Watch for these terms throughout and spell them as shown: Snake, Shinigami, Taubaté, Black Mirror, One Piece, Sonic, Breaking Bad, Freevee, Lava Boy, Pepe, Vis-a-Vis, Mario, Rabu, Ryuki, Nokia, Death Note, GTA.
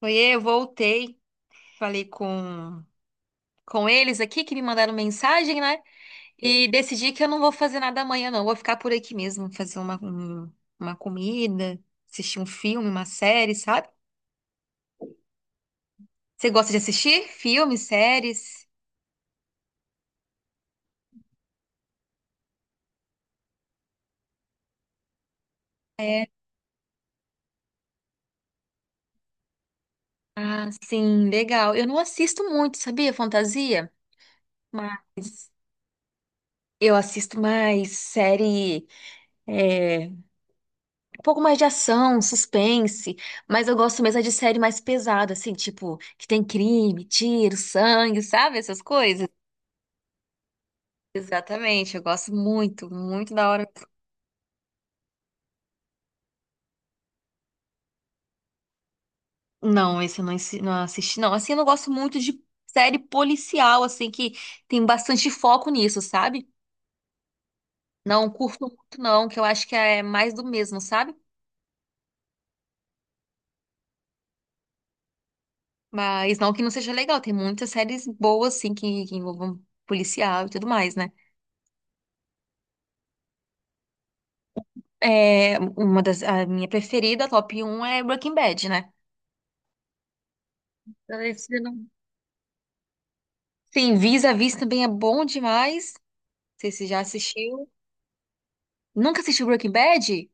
Oiê, eu voltei, falei com eles aqui que me mandaram mensagem, né? E decidi que eu não vou fazer nada amanhã, não. Vou ficar por aqui mesmo, fazer uma comida, assistir um filme, uma série, sabe? Você gosta de assistir filmes, séries? É. Ah, sim, legal. Eu não assisto muito, sabia? Fantasia, mas eu assisto mais série. É, um pouco mais de ação, suspense, mas eu gosto mesmo é de série mais pesada, assim, tipo, que tem crime, tiro, sangue, sabe? Essas coisas. Exatamente, eu gosto muito, muito da hora. Não, esse eu não, não assisti, não. Assim, eu não gosto muito de série policial, assim, que tem bastante foco nisso, sabe? Não curto muito, não, que eu acho que é mais do mesmo, sabe? Mas não que não seja legal, tem muitas séries boas, assim, que envolvam policial e tudo mais, né? É, uma das, a minha preferida, top um é Breaking Bad, né? Ai, você não- Sim, Vis-a-Vis também é bom demais. Não sei se você já assistiu. Nunca assistiu Breaking Bad?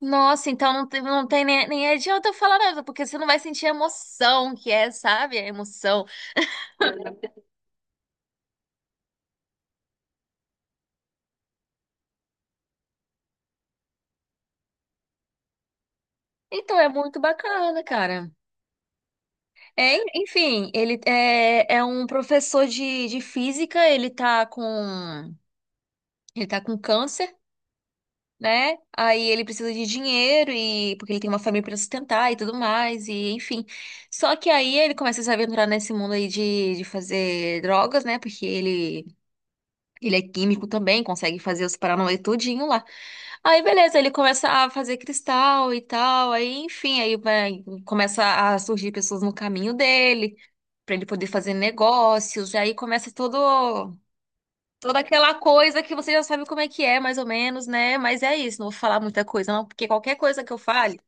Nossa, então não tem nem, nem adianta eu falar nada, porque você não vai sentir a emoção que é, sabe? A emoção. Então é muito bacana, cara. É, enfim, ele é um professor de física, ele tá com câncer, né? Aí ele precisa de dinheiro e porque ele tem uma família para sustentar e tudo mais e enfim. Só que aí ele começa a se aventurar nesse mundo aí de fazer drogas, né? Porque ele é químico também, consegue fazer os paranauê tudinho lá. Aí beleza, ele começa a fazer cristal e tal, aí enfim, aí vai, começa a surgir pessoas no caminho dele. Pra ele poder fazer negócios, e aí começa todo Toda aquela coisa que você já sabe como é que é, mais ou menos, né? Mas é isso, não vou falar muita coisa, não, porque qualquer coisa que eu fale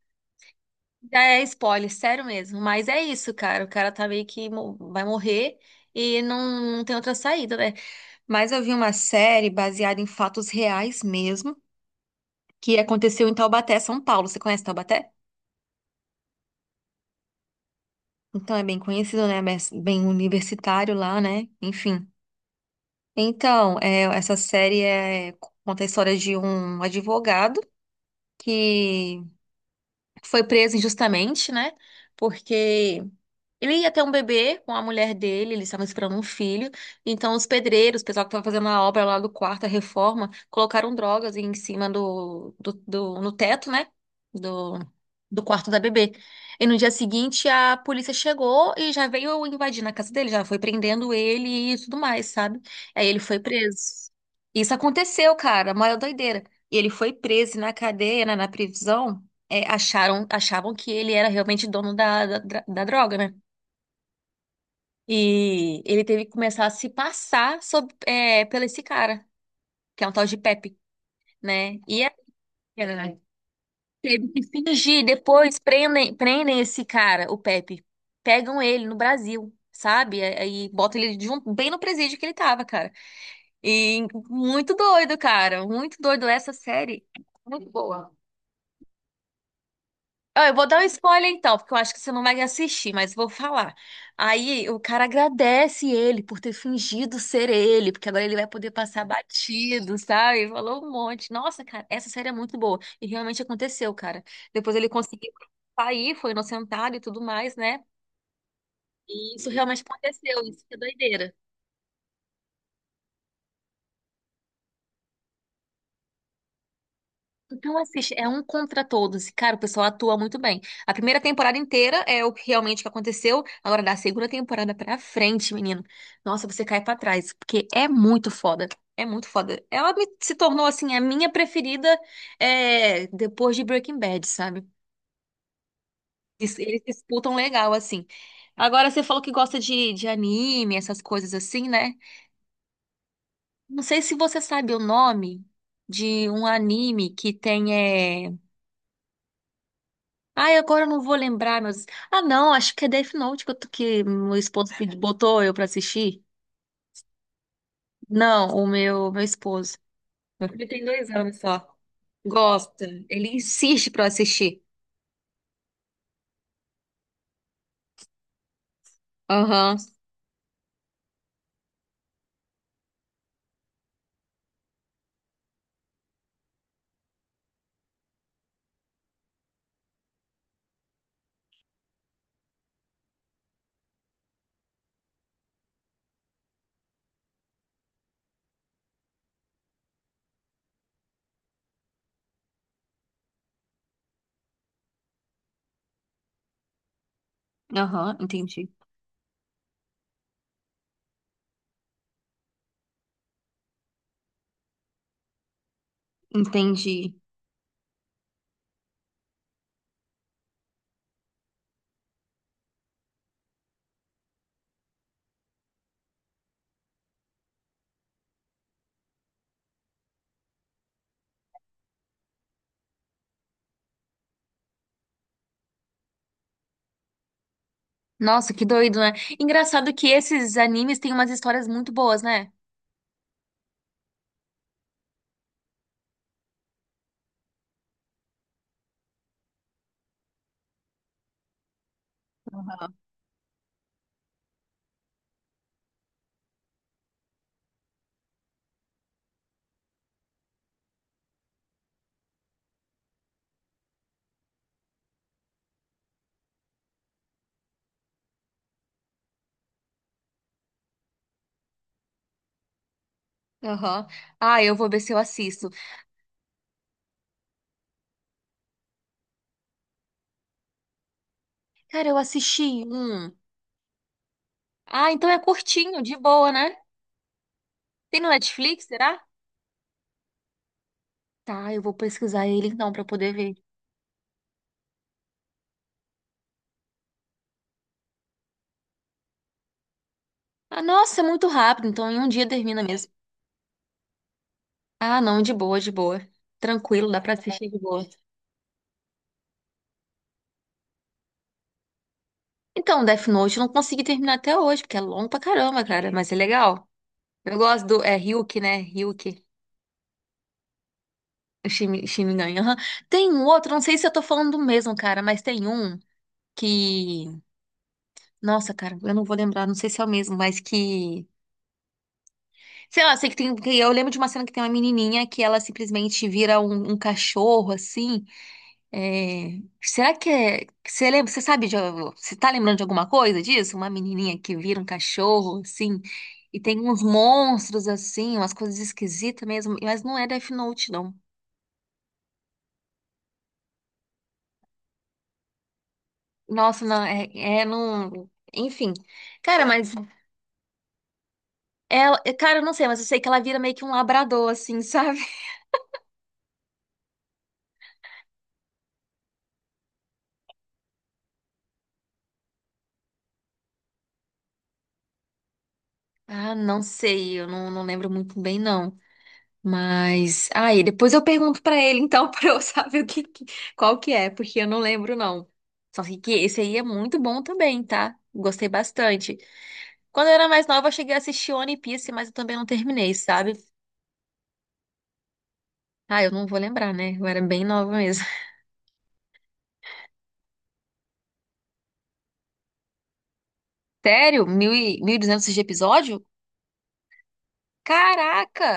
já é spoiler, sério mesmo. Mas é isso, cara. O cara tá meio que vai morrer e não, não tem outra saída, né? Mas eu vi uma série baseada em fatos reais mesmo, que aconteceu em Taubaté, São Paulo. Você conhece Taubaté? Então é bem conhecido, né? Mas bem universitário lá, né? Enfim. Então, é, conta a história de um advogado que foi preso injustamente, né? Porque ele ia ter um bebê com a mulher dele, eles estavam esperando um filho. Então, os pedreiros, o pessoal que estava fazendo a obra lá do quarto, a reforma, colocaram drogas em cima no teto, né? Do, do quarto da bebê. E no dia seguinte, a polícia chegou e já veio invadir na casa dele, já foi prendendo ele e tudo mais, sabe? Aí ele foi preso. Isso aconteceu, cara, a maior doideira. E ele foi preso e na cadeia, né, na prisão. É, achavam que ele era realmente dono da droga, né? E ele teve que começar a se passar pelo esse cara, que é um tal de Pepe, né? E aí, ela teve que fingir, depois prendem esse cara, o Pepe. Pegam ele no Brasil, sabe? Aí botam ele junto, bem no presídio que ele tava, cara. E muito doido, cara. Muito doido essa série. É muito boa. Ah, eu vou dar um spoiler então, porque eu acho que você não vai assistir, mas vou falar. Aí o cara agradece ele por ter fingido ser ele, porque agora ele vai poder passar batido, sabe? Falou um monte. Nossa, cara, essa série é muito boa. E realmente aconteceu, cara. Depois ele conseguiu sair, foi inocentado e tudo mais, né? E isso realmente aconteceu, isso que é doideira. Então, assiste, é um contra todos. E, cara, o pessoal atua muito bem. A primeira temporada inteira é o que realmente que aconteceu. Agora, da segunda temporada pra frente, menino. Nossa, você cai pra trás. Porque é muito foda. É muito foda. Ela se tornou, assim, a minha preferida é, depois de Breaking Bad, sabe? Eles disputam legal, assim. Agora, você falou que gosta de anime, essas coisas assim, né? Não sei se você sabe o nome de um anime que tem. Ai, agora eu não vou lembrar, meu Deus. Ah, não, acho que é Death Note que, que meu esposo botou eu pra assistir. Não, o meu esposo. Meu filho tem 2 anos só. Gosta. Ele insiste pra eu assistir. Aham, aham, entendi. Entendi. Nossa, que doido, né? Engraçado que esses animes têm umas histórias muito boas, né? Aham. Ah, eu vou ver se eu assisto. Cara, eu assisti um. Ah, então é curtinho, de boa, né? Tem no Netflix, será? Tá, eu vou pesquisar ele então pra poder ver. Ah, nossa, é muito rápido, então em um dia termina mesmo. Ah, não, de boa, de boa. Tranquilo, dá pra assistir de boa. Então, Death Note eu não consegui terminar até hoje, porque é longo pra caramba, cara, mas é legal. Eu gosto do. É Ryuki, né? Ryuki. O Shinigami, aham. Tem um outro, não sei se eu tô falando do mesmo, cara, mas tem um que. Nossa, cara, eu não vou lembrar, não sei se é o mesmo, mas que. Sei lá, sei que tem. Que Eu lembro de uma cena que tem uma menininha que ela simplesmente vira um cachorro, assim. É, será que é. Você lembra, você sabe de. Você tá lembrando de alguma coisa disso? Uma menininha que vira um cachorro, assim, e tem uns monstros, assim, umas coisas esquisitas mesmo, mas não é Death Note, não. Nossa, não, é não. Enfim. Cara, mas ela. Cara, eu não sei, mas eu sei que ela vira meio que um labrador, assim, sabe? Ah, não sei, eu não lembro muito bem, não. Mas, aí, depois eu pergunto pra ele, então, pra eu saber qual que é, porque eu não lembro, não. Só sei que esse aí é muito bom também, tá? Gostei bastante. Quando eu era mais nova, eu cheguei a assistir One Piece, mas eu também não terminei, sabe? Ah, eu não vou lembrar, né? Eu era bem nova mesmo. Sério? Mil e 1.200 de episódio? Caraca!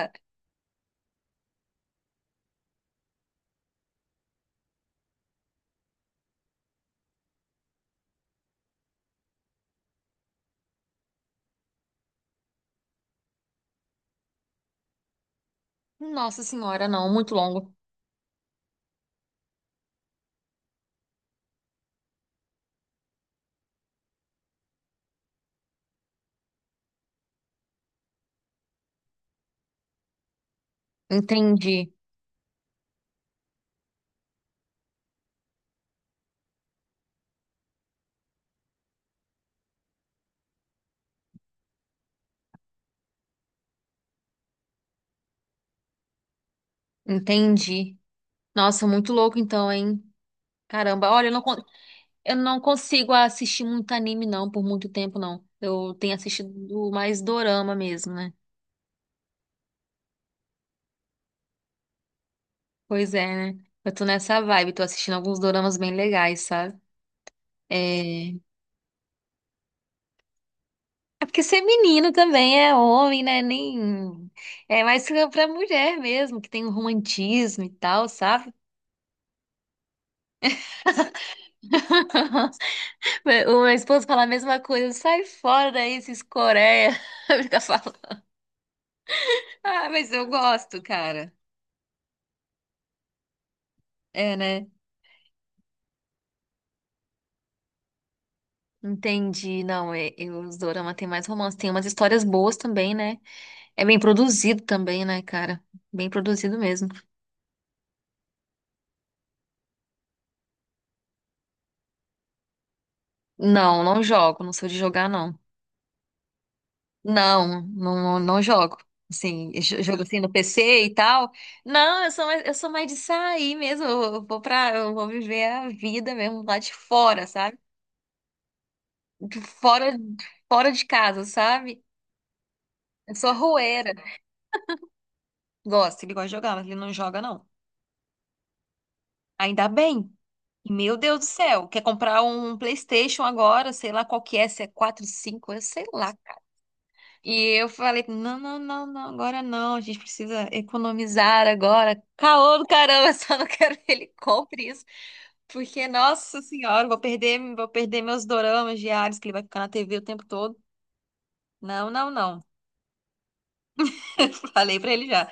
Nossa senhora, não, muito longo. Entendi, entendi. Nossa, muito louco então, hein? Caramba, olha, Eu não consigo assistir muito anime, não, por muito tempo, não. Eu tenho assistido mais dorama mesmo, né? Pois é, né? Eu tô nessa vibe, tô assistindo alguns doramas bem legais, sabe? É, é porque ser menino também é homem, né? Nem. É mais pra mulher mesmo, que tem o romantismo e tal, sabe? O meu esposo fala a mesma coisa, sai fora daí, esses Coreia. Fica falando. Ah, mas eu gosto, cara. É, né? Entendi. Não, é, os dorama tem mais romance. Tem umas histórias boas também, né? É bem produzido também, né, cara? Bem produzido mesmo. Não, não jogo. Não sou de jogar, não. Não, não, não jogo. Assim, jogo assim no PC e tal. Não, eu sou mais de sair mesmo. Eu vou viver a vida mesmo lá de fora, sabe? De Fora, fora de casa, sabe? Eu sou arrueira. Gosta, ele gosta de jogar, mas ele não joga, não. Ainda bem. E, meu Deus do céu, quer comprar um PlayStation agora, sei lá qual que é, se é 4, 5, eu sei lá, cara. E eu falei, não, não, não, não, agora não, a gente precisa economizar agora. Caô do caramba, só não quero que ele compre isso, porque, nossa senhora, vou perder meus doramas diários, que ele vai ficar na TV o tempo todo. Não, não, não. Falei pra ele já.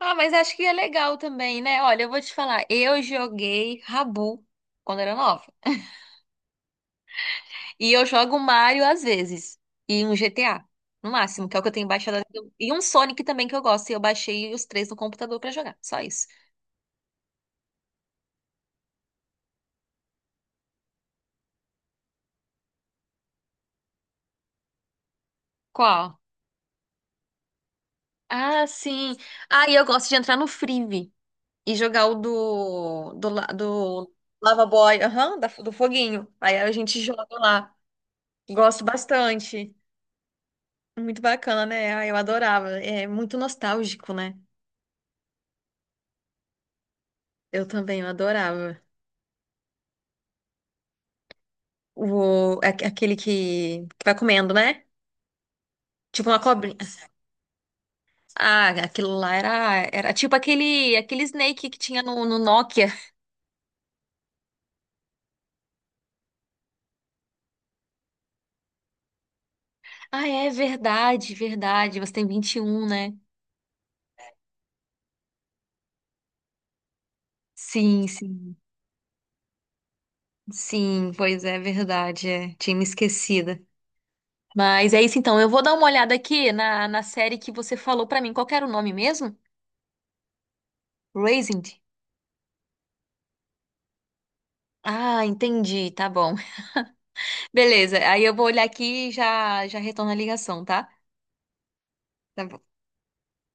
Ah, mas acho que é legal também, né? Olha, eu vou te falar, eu joguei Rabu quando era nova. E eu jogo Mario às vezes. E um GTA, no máximo, que é o que eu tenho baixado. E um Sonic também que eu gosto. E eu baixei os três no computador pra jogar. Só isso. Qual? Ah, sim. Ah, e eu gosto de entrar no Freevee e jogar o do Lava Boy, aham, do foguinho. Aí a gente joga lá. Gosto bastante. Muito bacana, né? Ah, eu adorava. É muito nostálgico, né? Eu também, eu adorava. O, aquele que vai comendo, né? Tipo uma cobrinha. Ah, aquilo lá era tipo aquele Snake que tinha no Nokia. Ah, é verdade, verdade. Você tem 21, né? Sim, sim. Sim, pois é, verdade. É. Tinha me esquecida. Mas é isso então. Eu vou dar uma olhada aqui na série que você falou pra mim. Qual que era o nome mesmo? Raising. Ah, entendi. Tá bom. Beleza. Aí eu vou olhar aqui e já, já retorno a ligação, tá? Tá bom.